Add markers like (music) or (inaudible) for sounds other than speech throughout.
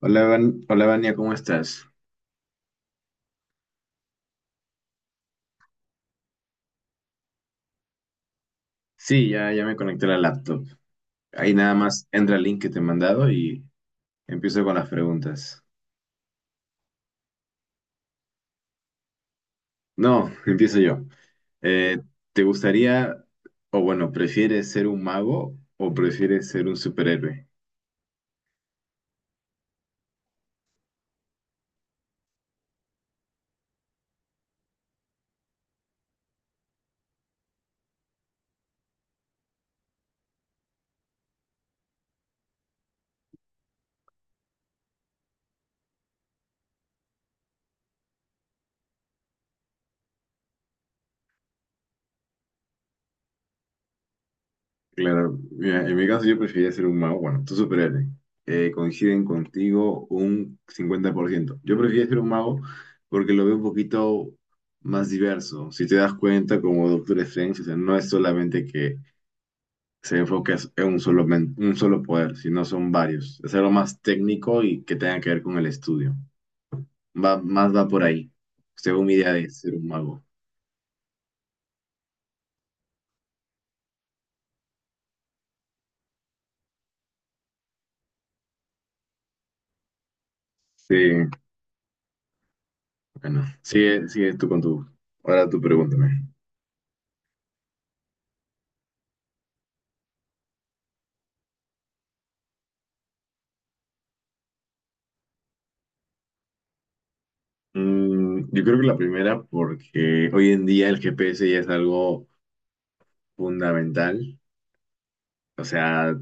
Hola, Hola, Vania, ¿cómo estás? Sí, ya me conecté a la laptop. Ahí nada más entra el link que te he mandado y empiezo con las preguntas. No, (laughs) empiezo yo. Eh, ¿Te gustaría, o bueno, prefieres ser un mago o prefieres ser un superhéroe? Claro, mira, en mi caso yo preferiría ser un mago. Bueno, tú superhéroe. Coinciden contigo un 50%. Yo preferiría ser un mago porque lo veo un poquito más diverso. Si te das cuenta, como Doctor Strange, o sea, no es solamente que se enfoque en un solo, un solo poder, sino son varios. Es algo más técnico y que tenga que ver con el estudio. Va, más va por ahí, según mi idea de ser un mago. Sí, bueno, sigue tú con tu... Ahora tú pregúntame. Mm, yo creo que la primera, porque hoy en día el GPS ya es algo fundamental, o sea,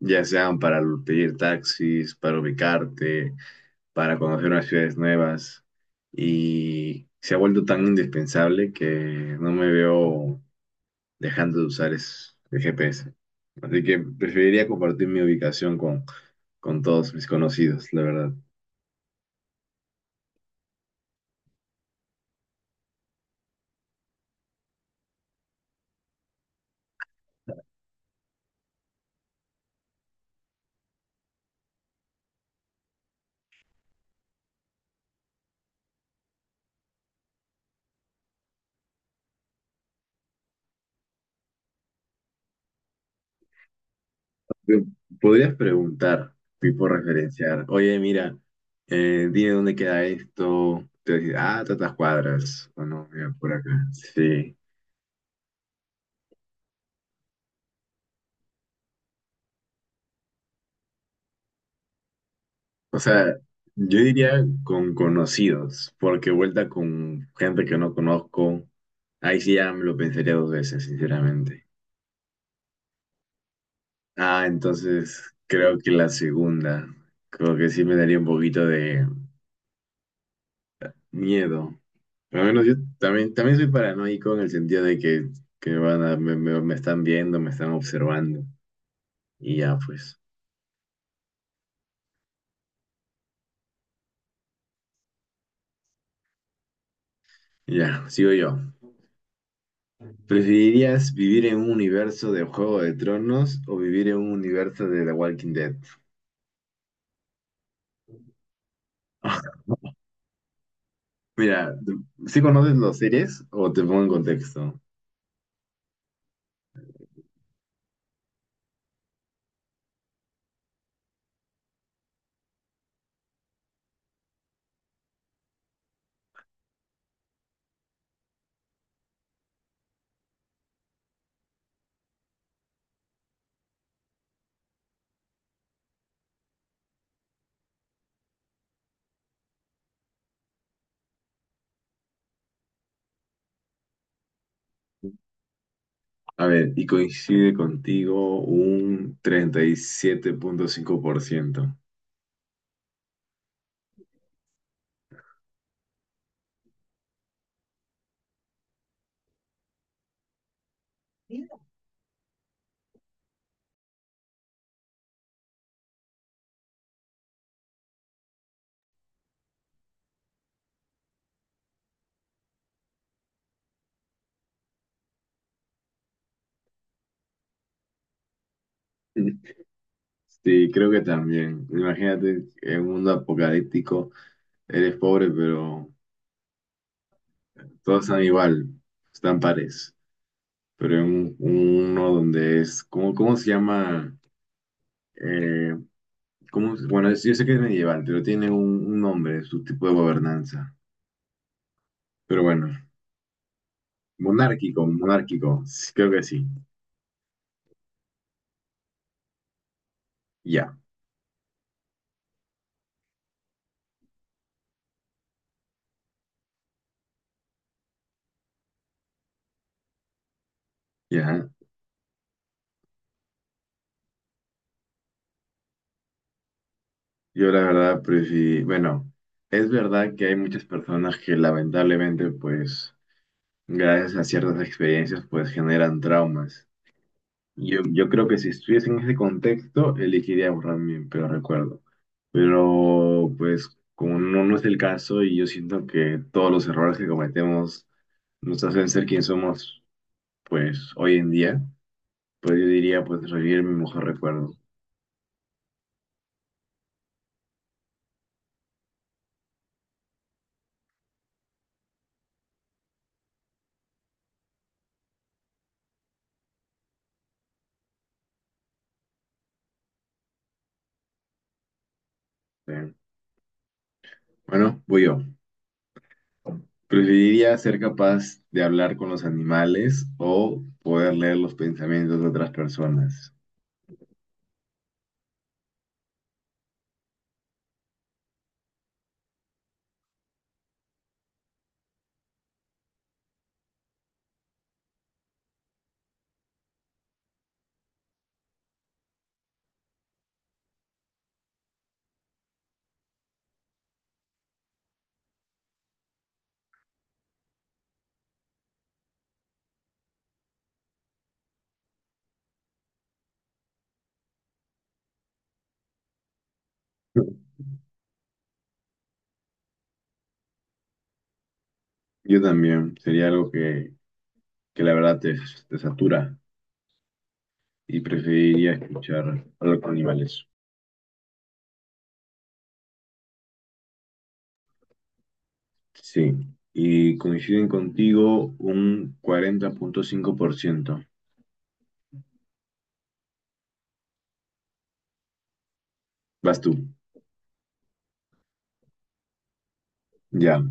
ya sean para pedir taxis, para ubicarte, para conocer unas ciudades nuevas, y se ha vuelto tan indispensable que no me veo dejando de usar el GPS. Así que preferiría compartir mi ubicación con todos mis conocidos, la verdad. Podrías preguntar, tipo referenciar, oye, mira, dime dónde queda esto, te va a decir, ah, tantas cuadras, o no, mira, por acá, sí. O sea, yo diría con conocidos, porque vuelta con gente que no conozco, ahí sí ya me lo pensaría dos veces, sinceramente. Ah, entonces creo que la segunda, creo que sí me daría un poquito de miedo. Pero al menos yo también, también soy paranoico en el sentido de que van a, me están viendo, me están observando. Y ya, pues, ya, sigo yo. ¿Preferirías vivir en un universo de Juego de Tronos o vivir en un universo de The Walking Dead? (laughs) Mira, ¿sí conoces las series o te pongo en contexto? A ver, y coincide contigo un treinta y siete punto cinco por ciento. Sí, creo que también. Imagínate en un mundo apocalíptico. Eres pobre, pero todos están igual, están pares. Pero en uno donde es, ¿cómo, cómo se llama? Eh, ¿Cómo bueno, yo sé que es medieval, pero tiene un nombre, su tipo de gobernanza. Pero bueno, monárquico, monárquico, sí, creo que sí. Ya, ya. Yo la verdad prefiero, bueno, es verdad que hay muchas personas que lamentablemente, pues, gracias a ciertas experiencias, pues generan traumas. Yo creo que si estuviese en ese contexto, elegiría borrar mi peor recuerdo. Pero pues como no, no es el caso y yo siento que todos los errores que cometemos nos hacen ser quien somos pues hoy en día, pues yo diría pues revivir mi mejor recuerdo. Eh, Bueno, voy yo. Preferiría ser capaz de hablar con los animales o poder leer los pensamientos de otras personas. (laughs) Yo también, sería algo que la verdad te satura. Y preferiría escuchar hablar con animales. Sí, y coinciden contigo un cuarenta punto cinco por ciento. Vas tú. Ya,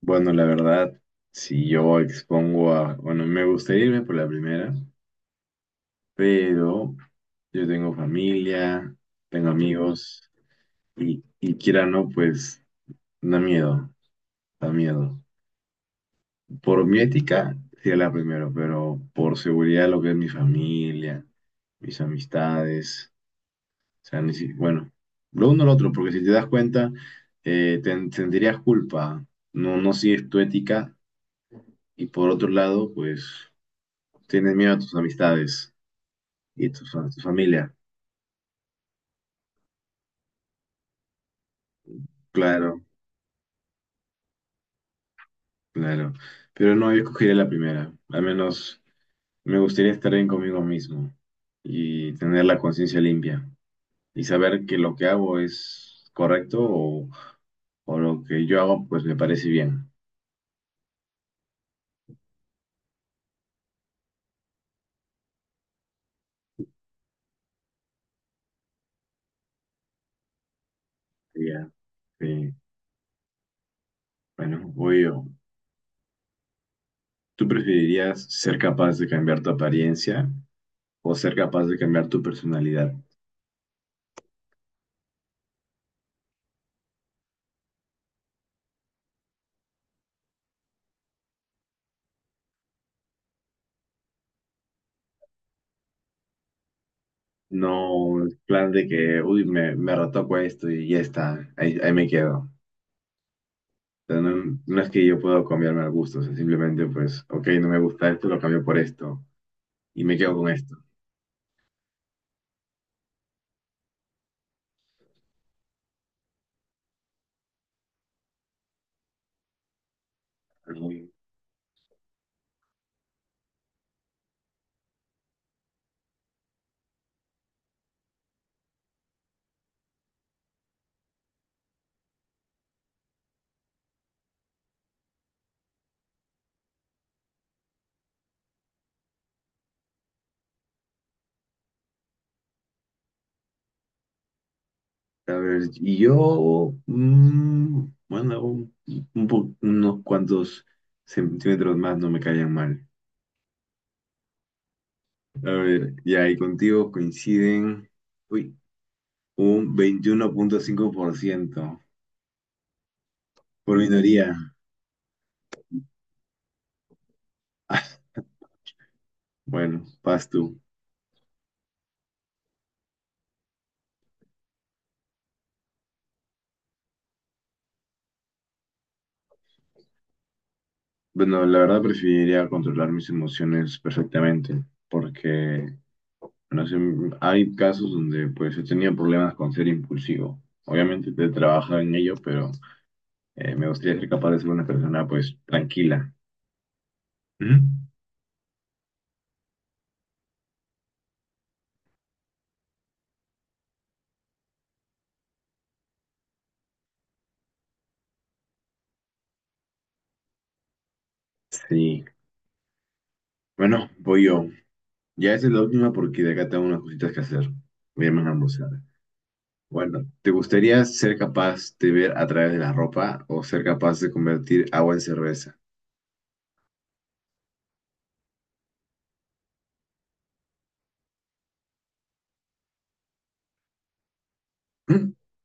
bueno, la verdad, si yo expongo a, bueno, me gustaría irme por la primera, pero yo tengo familia, tengo amigos y quiera o no, pues da miedo, da miedo. Por mi ética, sería la primera, pero por seguridad, lo que es mi familia, mis amistades. O sea, ni si- bueno, lo uno o lo otro, porque si te das cuenta, sentirías culpa, no, no sigues tu ética y por otro lado, pues tienes miedo a tus amistades y a tu familia. Claro, claro. Pero no, yo escogería la primera. Al menos me gustaría estar bien conmigo mismo y tener la conciencia limpia y saber que lo que hago es correcto o lo que yo hago pues me parece bien. Ya, sí. Bueno, voy yo. ¿Tú preferirías ser capaz de cambiar tu apariencia o ser capaz de cambiar tu personalidad? No, el plan de que, uy, me retoco esto y ya está, ahí, ahí me quedo. O sea, no, no es que yo pueda cambiarme al gusto, o sea, simplemente pues, ok, no me gusta esto, lo cambio por esto y me quedo con esto. Uy. A ver, y yo, mm, bueno, un, unos cuantos centímetros más no me caían mal. A ver, ya, y contigo coinciden. Uy. Un veintiuno punto cinco por ciento por minoría. (laughs) Bueno, vas tú. Bueno, la verdad preferiría controlar mis emociones perfectamente, porque no sé, hay casos donde pues he tenido problemas con ser impulsivo. Obviamente te trabaja en ello, pero me gustaría ser capaz de ser una persona pues tranquila. Ujú. Sí. Bueno, voy yo. Ya esa es la última porque de acá tengo unas cositas que hacer. Voy a irme a almorzar. Bueno, ¿te gustaría ser capaz de ver a través de la ropa o ser capaz de convertir agua en cerveza? (clears throat)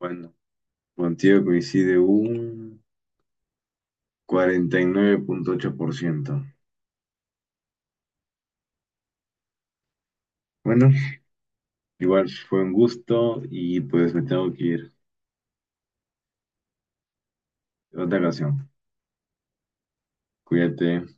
Bueno, contigo coincide un cuarenta y nueve punto ocho por ciento. Bueno, igual fue un gusto y pues me tengo que ir. Otra ocasión. Cuídate.